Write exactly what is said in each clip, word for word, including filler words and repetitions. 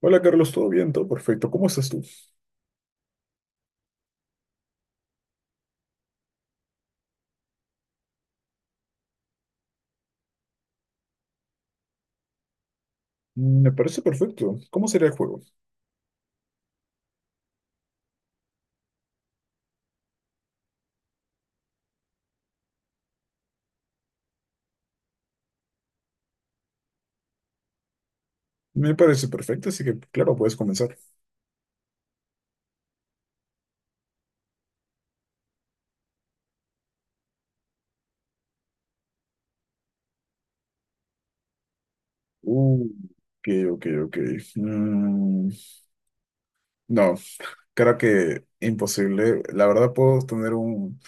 Hola Carlos, ¿todo bien? Todo perfecto. ¿Cómo estás tú? Me parece perfecto. ¿Cómo sería el juego? Me parece perfecto, así que claro, puedes comenzar. Uh, ok, ok, ok. Mm, no, creo que imposible. La verdad puedo tener un,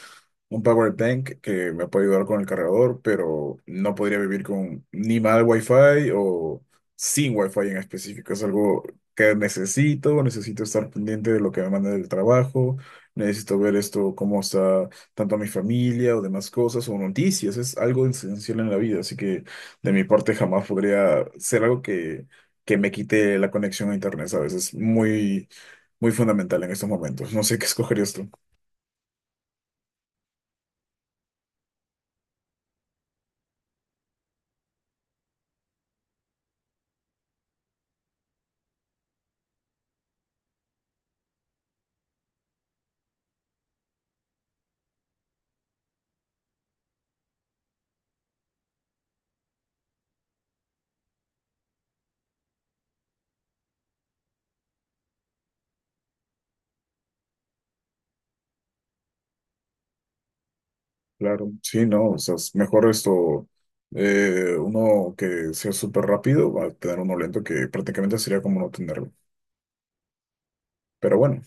un power bank que me puede ayudar con el cargador, pero no podría vivir con ni mal wifi o sin wifi en específico. Es algo que necesito, necesito estar pendiente de lo que me manda del trabajo, necesito ver esto, cómo está tanto mi familia o demás cosas o noticias. Es algo esencial en la vida, así que de mi parte jamás podría ser algo que, que me quite la conexión a internet, ¿sabes? Es muy, muy fundamental en estos momentos. No sé qué escogerías tú. Claro, sí, no, o sea, es mejor esto, eh, uno que sea súper rápido, va a tener uno lento que prácticamente sería como no tenerlo. Pero bueno,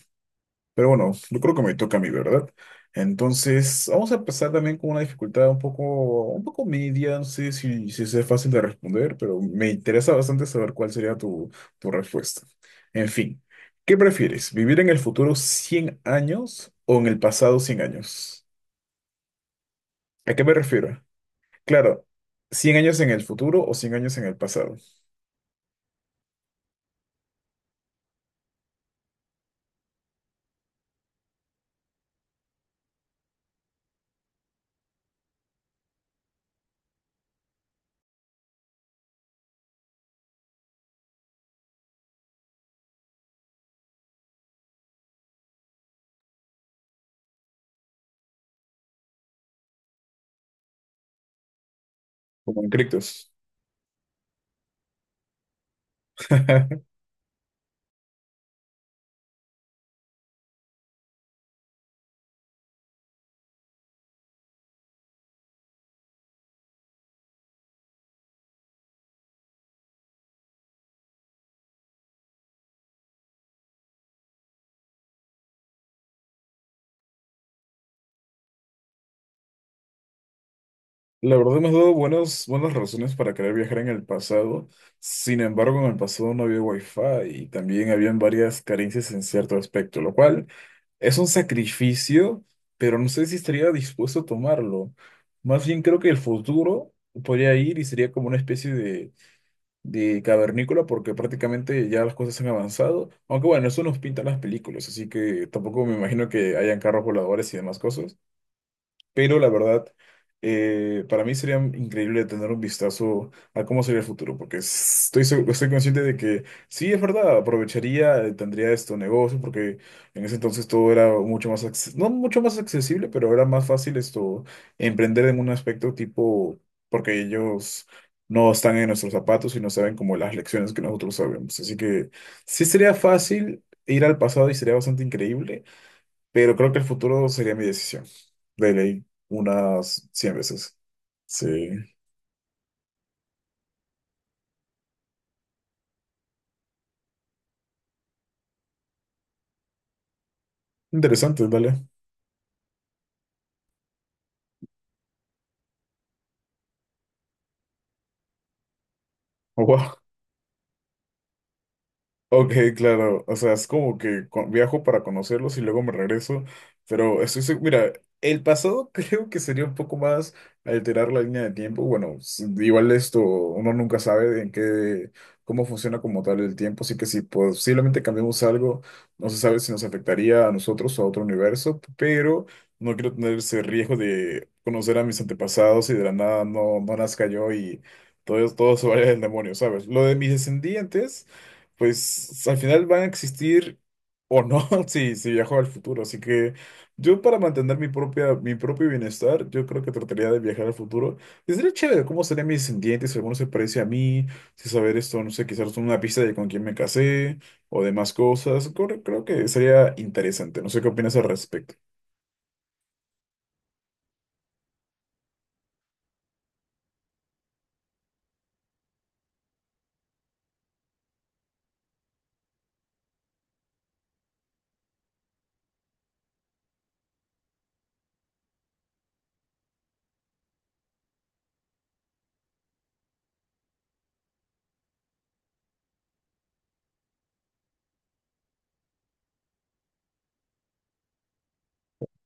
pero bueno, yo creo que me toca a mí, ¿verdad? Entonces, vamos a empezar también con una dificultad un poco, un poco, media, no sé si, si sea fácil de responder, pero me interesa bastante saber cuál sería tu, tu respuesta. En fin, ¿qué prefieres? ¿Vivir en el futuro cien años o en el pasado cien años? ¿A qué me refiero? Claro, cien años en el futuro o cien años en el pasado, como en Criptos. La verdad hemos dado buenas, buenas razones para querer viajar en el pasado. Sin embargo, en el pasado no había wifi y también habían varias carencias en cierto aspecto, lo cual es un sacrificio, pero no sé si estaría dispuesto a tomarlo. Más bien creo que el futuro podría ir y sería como una especie de de cavernícola porque prácticamente ya las cosas han avanzado. Aunque bueno, eso nos pintan las películas, así que tampoco me imagino que hayan carros voladores y demás cosas. Pero la verdad, eh, para mí sería increíble tener un vistazo a cómo sería el futuro, porque estoy, seg- estoy consciente de que sí, es verdad, aprovecharía, eh, tendría estos negocios, porque en ese entonces todo era mucho más, acce- no mucho más accesible, pero era más fácil esto, emprender en un aspecto tipo, porque ellos no están en nuestros zapatos y no saben como las lecciones que nosotros sabemos. Así que sí sería fácil ir al pasado y sería bastante increíble. Pero creo que el futuro sería mi decisión. De ley, unas cien veces. Sí. Interesante, dale. Oh, wow. Ok, claro, o sea, es como que co- viajo para conocerlos y luego me regreso, pero estoy seguro, mira, el pasado creo que sería un poco más alterar la línea de tiempo, bueno, s- igual esto, uno nunca sabe en qué, cómo funciona como tal el tiempo, así que si posiblemente cambiamos algo, no se sabe si nos afectaría a nosotros o a otro universo, pero no quiero tener ese riesgo de conocer a mis antepasados y de la nada no, no nazca yo y todo, todo se vaya del demonio, ¿sabes? Lo de mis descendientes pues al final van a existir o no si, si viajo al futuro. Así que yo para mantener mi propia, mi propio bienestar, yo creo que trataría de viajar al futuro. Y sería chévere cómo serían mis descendientes, si alguno se parece a mí, si saber esto, no sé, quizás una pista de con quién me casé o demás cosas. Creo, creo que sería interesante. No sé qué opinas al respecto.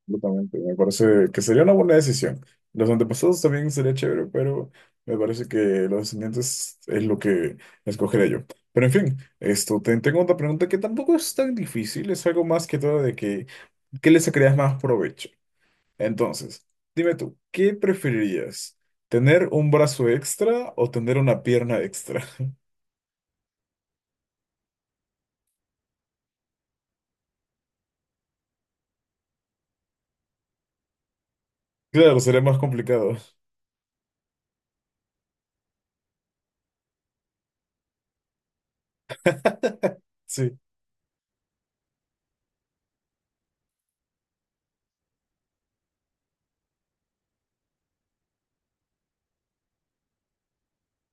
Absolutamente, me parece que sería una buena decisión. Los antepasados también sería chévere, pero me parece que los descendientes es lo que escogeré yo. Pero en fin, esto, te, tengo otra pregunta que tampoco es tan difícil, es algo más que todo de que, ¿qué le sacarías más provecho? Entonces, dime tú, ¿qué preferirías? ¿Tener un brazo extra o tener una pierna extra? Claro, sería más complicado. Sí.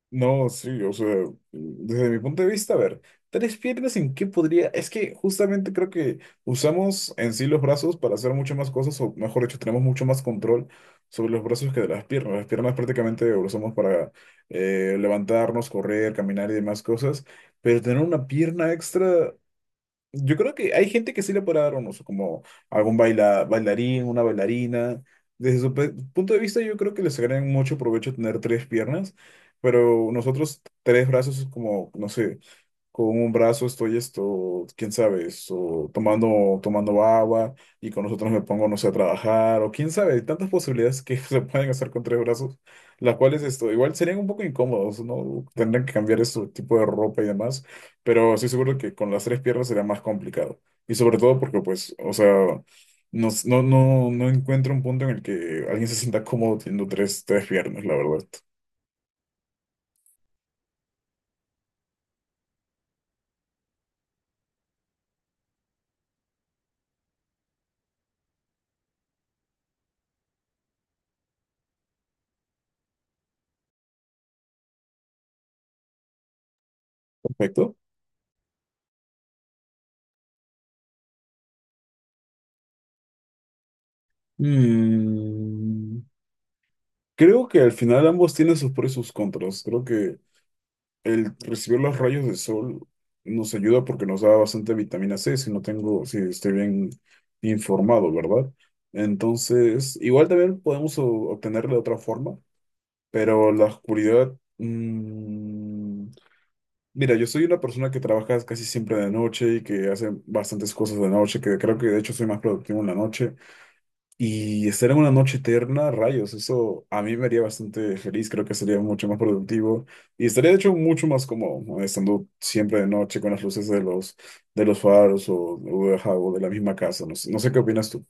No, sí, o sea, desde mi punto de vista, a ver, tres piernas en qué podría, es que justamente creo que usamos en sí los brazos para hacer muchas más cosas, o mejor dicho, tenemos mucho más control sobre los brazos que de las piernas. Las piernas prácticamente lo usamos para eh, levantarnos, correr, caminar y demás cosas, pero tener una pierna extra yo creo que hay gente que sí le puede dar un uso, como algún baila, bailarín, una bailarina. Desde su pe- punto de vista, yo creo que les sacarían mucho provecho tener tres piernas, pero nosotros tres brazos es como, no sé, con un brazo estoy esto, quién sabe, esto, tomando, tomando agua y con nosotros me pongo, no sé, a trabajar o quién sabe, hay tantas posibilidades que se pueden hacer con tres brazos, las cuales esto, igual serían un poco incómodos, ¿no? Tendrían que cambiar su tipo de ropa y demás, pero estoy seguro que con las tres piernas sería más complicado. Y sobre todo porque, pues, o sea, no, no, no, no encuentro un punto en el que alguien se sienta cómodo teniendo tres, tres, piernas, la verdad. Perfecto. Mm, Creo que al final ambos tienen sus pros y sus contras. Creo que el recibir los rayos de sol nos ayuda porque nos da bastante vitamina ce, si no tengo, si estoy bien informado, ¿verdad? Entonces, igual también podemos o- obtenerla de otra forma, pero la oscuridad. mm, Mira, yo soy una persona que trabaja casi siempre de noche y que hace bastantes cosas de noche, que creo que de hecho soy más productivo en la noche. Y estar en una noche eterna, rayos, eso a mí me haría bastante feliz, creo que sería mucho más productivo y estaría de hecho mucho más cómodo, ¿no? Estando siempre de noche con las luces de los, de los, faros o, o de, ajá, o de la misma casa, no sé, no sé qué opinas tú.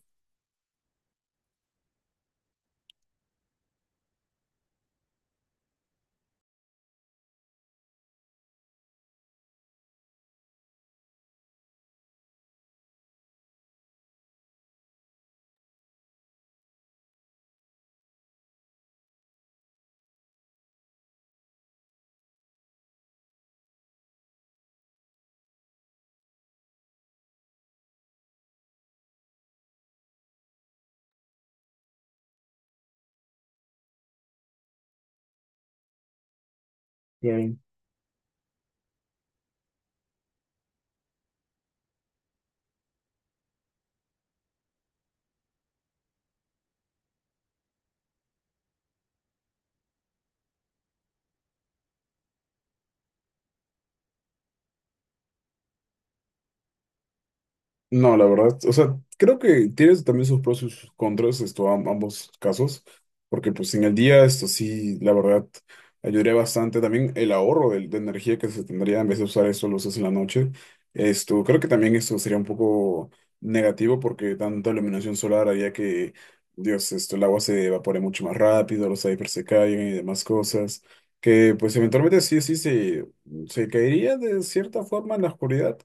No, la verdad, o sea, creo que tienes también sus pros y sus contras, esto, am- ambos casos, porque pues en el día, esto sí, la verdad, ayudaría bastante también el ahorro de, de energía que se tendría en vez de usar eso, lo usas en la noche, esto, creo que también esto sería un poco negativo porque tanta iluminación solar haría que, Dios, esto, el agua se evapore mucho más rápido, los icebergs se caigan y demás cosas, que pues eventualmente sí, sí, se, se caería de cierta forma en la oscuridad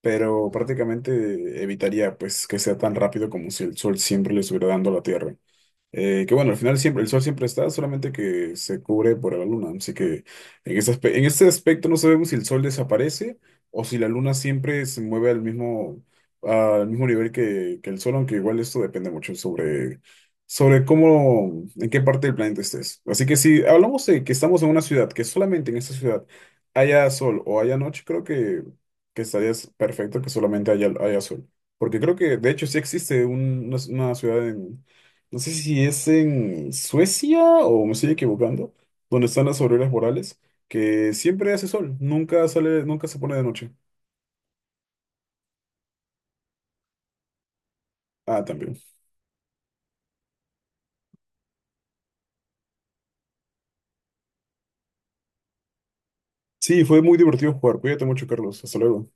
pero prácticamente evitaría pues que sea tan rápido como si el sol siempre le estuviera dando a la Tierra. Eh, que bueno, al final siempre, el sol siempre está, solamente que se cubre por la luna. Así que en ese aspe- en ese aspecto no sabemos si el sol desaparece o si la luna siempre se mueve al mismo, al mismo, nivel que, que el sol, aunque igual esto depende mucho sobre, sobre cómo, en qué parte del planeta estés. Así que si hablamos de que estamos en una ciudad, que solamente en esa ciudad haya sol o haya noche, creo que, que estarías perfecto que solamente haya, haya sol. Porque creo que de hecho sí existe un- una, una ciudad en no sé si es en Suecia o me estoy equivocando, donde están las auroras boreales, que siempre hace sol, nunca sale, nunca se pone de noche. Ah, también. Sí, fue muy divertido jugar. Cuídate mucho, Carlos. Hasta luego.